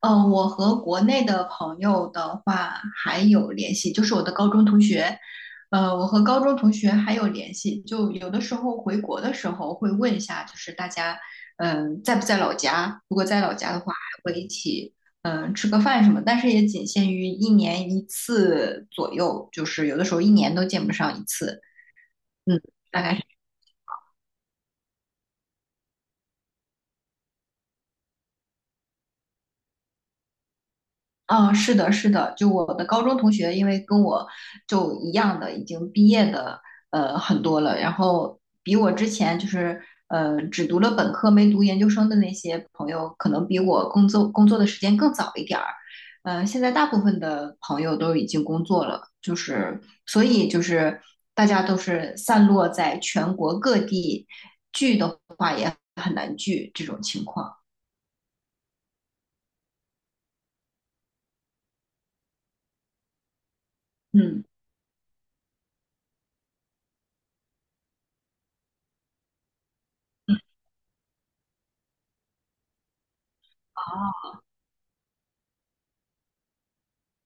嗯，我和国内的朋友的话还有联系，就是我的高中同学，我和高中同学还有联系，就有的时候回国的时候会问一下，就是大家，在不在老家？如果在老家的话，还会一起，吃个饭什么，但是也仅限于一年一次左右，就是有的时候一年都见不上一次，嗯，大概是。啊，是的，是的，就我的高中同学，因为跟我就一样的，已经毕业的，很多了。然后比我之前就是只读了本科没读研究生的那些朋友，可能比我工作的时间更早一点儿。现在大部分的朋友都已经工作了，就是所以就是大家都是散落在全国各地，聚的话也很难聚这种情况。嗯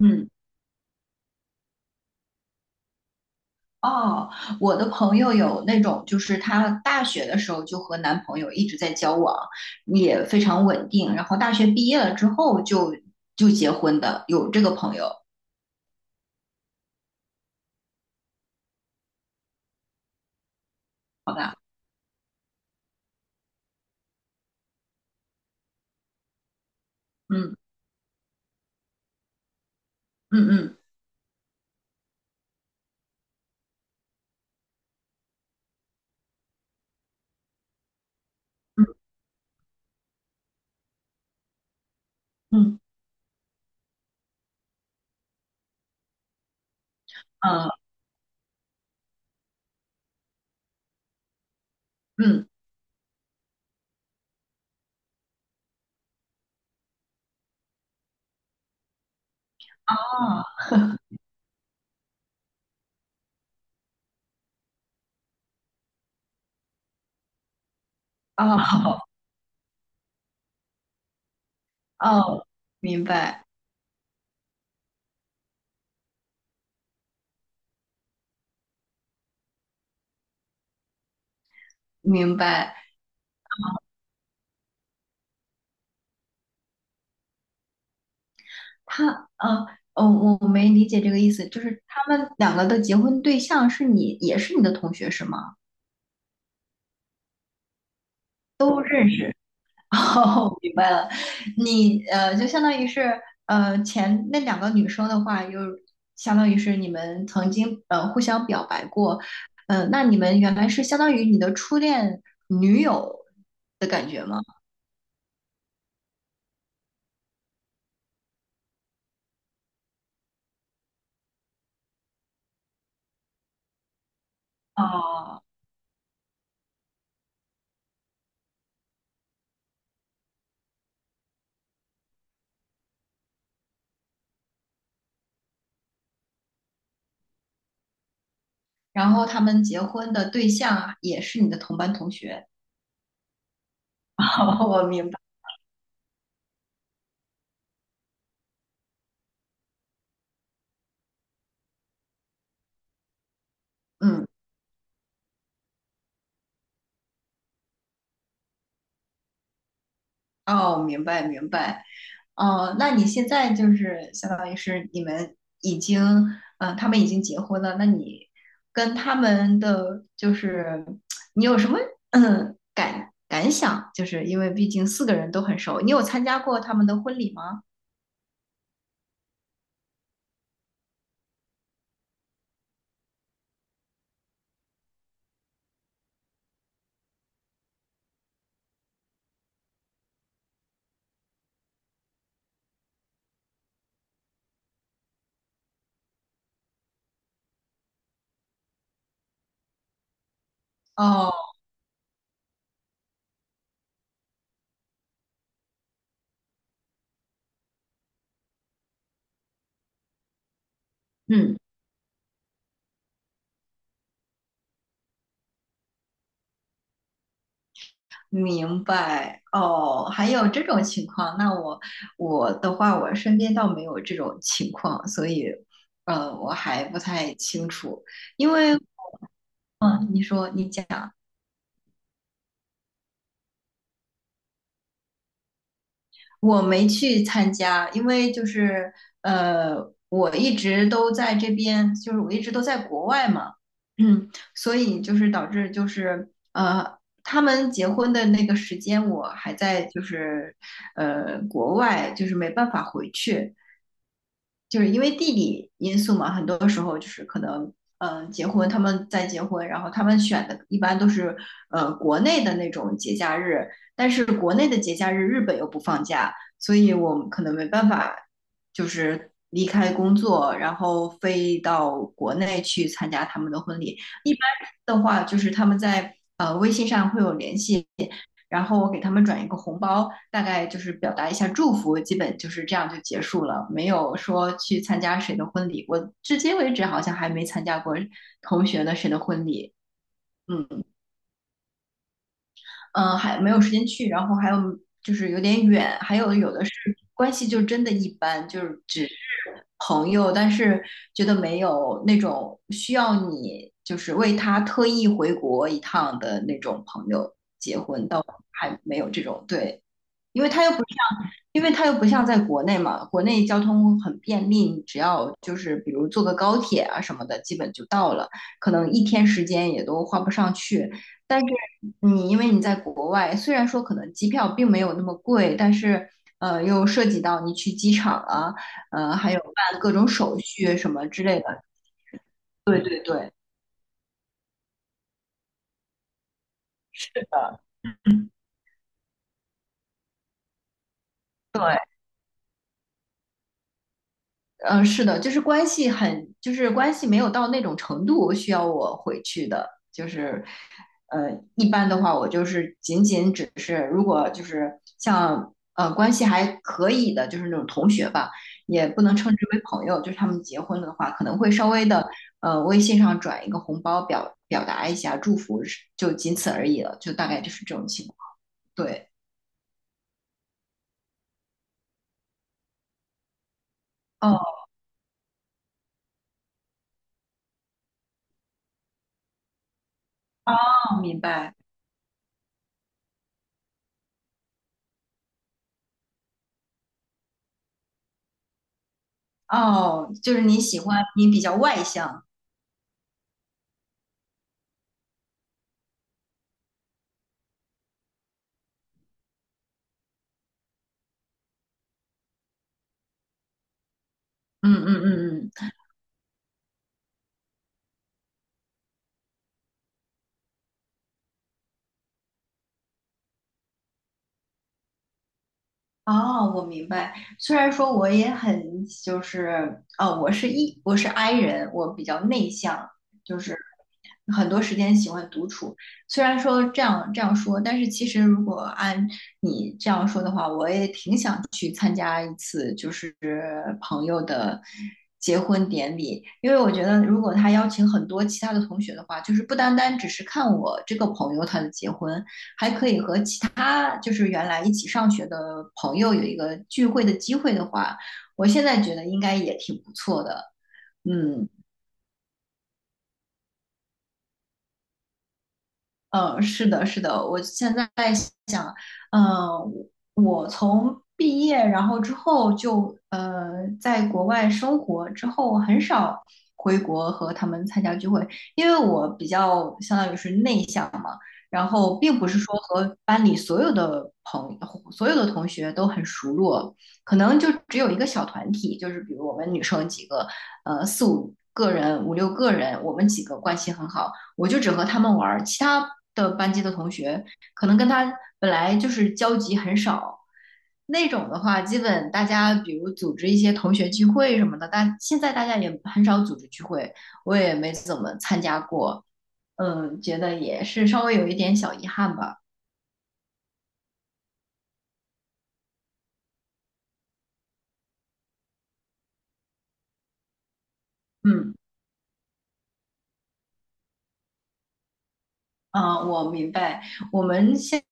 嗯。哦，我的朋友有那种，就是她大学的时候就和男朋友一直在交往，也非常稳定，然后大学毕业了之后就结婚的，有这个朋友，好吧？嗯嗯嗯嗯嗯嗯，哦哦哦，明白明白，他啊哦，我没理解这个意思，就是他们两个的结婚对象是你，也是你的同学是吗？哦，明白了，你就相当于是前那两个女生的话，又相当于是你们曾经互相表白过，那你们原来是相当于你的初恋女友的感觉吗？哦，然后他们结婚的对象啊也是你的同班同学。哦，我明白，嗯，哦，明白明白。哦，那你现在就是相当于是你们已经，嗯，他们已经结婚了，那你跟他们的就是你有什么嗯感想？就是因为毕竟四个人都很熟，你有参加过他们的婚礼吗？哦，嗯，明白。哦，还有这种情况，那我的话，我身边倒没有这种情况，所以我还不太清楚，因为嗯，你说你讲。我没去参加，因为就是我一直都在这边，就是我一直都在国外嘛，嗯，所以就是导致就是他们结婚的那个时间我还在就是国外，就是没办法回去。就是因为地理因素嘛，很多时候就是可能，结婚他们在结婚，然后他们选的一般都是国内的那种节假日，但是国内的节假日日本又不放假，所以我们可能没办法就是离开工作，然后飞到国内去参加他们的婚礼。一般的话，就是他们在微信上会有联系，然后我给他们转一个红包，大概就是表达一下祝福，基本就是这样就结束了，没有说去参加谁的婚礼。我至今为止好像还没参加过同学的谁的婚礼，嗯嗯、还没有时间去，然后还有就是有点远，有的是关系就真的一般，就是只是朋友，但是觉得没有那种需要你就是为他特意回国一趟的那种朋友，还没有这种对。因为他又不因为它又不像在国内嘛，国内交通很便利，你只要就是比如坐个高铁啊什么的，基本就到了，可能一天时间也都花不上去。但是因为你在国外，虽然说可能机票并没有那么贵，但是又涉及到你去机场啊，还有办各种手续什么之类的。对，是的，对。嗯，是的，就是关系很，就是关系没有到那种程度需要我回去的，就是，一般的话，我就是仅仅只是，如果就是像关系还可以的，就是那种同学吧，也不能称之为朋友，就是他们结婚了的话，可能会稍微的微信上转一个红包表达一下祝福，是就仅此而已了，就大概就是这种情况。对，哦哦，明白，哦，就是你喜欢你比较外向，嗯嗯嗯嗯。哦，我明白。虽然说我也很就是，哦，我是 I 人，我比较内向，就是很多时间喜欢独处。虽然说这样说，但是其实如果按你这样说的话，我也挺想去参加一次就是朋友的结婚典礼，因为我觉得如果他邀请很多其他的同学的话，就是不单单只是看我这个朋友他的结婚，还可以和其。他就是原来一起上学的朋友有一个聚会的机会的话，我现在觉得应该也挺不错的。嗯，是的，是的，我现在想，嗯呃，我从毕业然后之后就在国外生活之后，很少回国和他们参加聚会，因为我比较相当于是内向嘛，然后并不是说和班里所有的同学都很熟络，可能就只有一个小团体，就是比如我们女生几个，四五个人、五六个人，我们几个关系很好。我就只和他们玩其他的班级的同学可能跟他本来就是交集很少。那种的话，基本大家比如组织一些同学聚会什么的，但现在大家也很少组织聚会，我也没怎么参加过，嗯，觉得也是稍微有一点小遗憾吧，嗯。啊，我明白。我们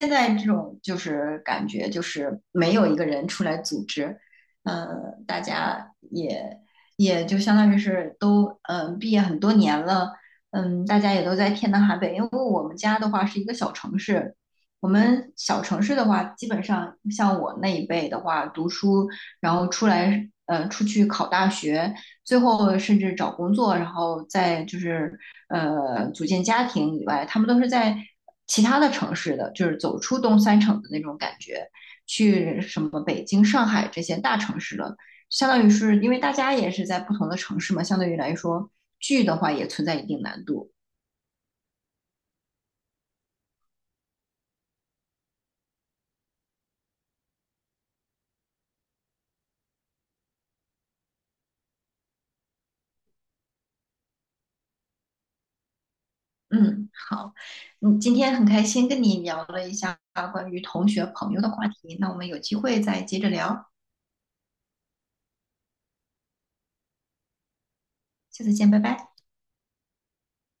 现在这种就是感觉，就是没有一个人出来组织，嗯，大家也也就相当于是都毕业很多年了，嗯，大家也都在天南海北。因为我们家的话是一个小城市，我们小城市的话，基本上像我那一辈的话，读书然后出来出去考大学，最后甚至找工作，然后再就是。组建家庭以外，他们都是在其他的城市的，就是走出东三省的那种感觉，去什么北京、上海这些大城市了。相当于是因为大家也是在不同的城市嘛，相对于来说聚的话也存在一定难度。嗯，好，嗯，今天很开心跟你聊了一下关于同学朋友的话题，那我们有机会再接着聊，下次见，拜拜。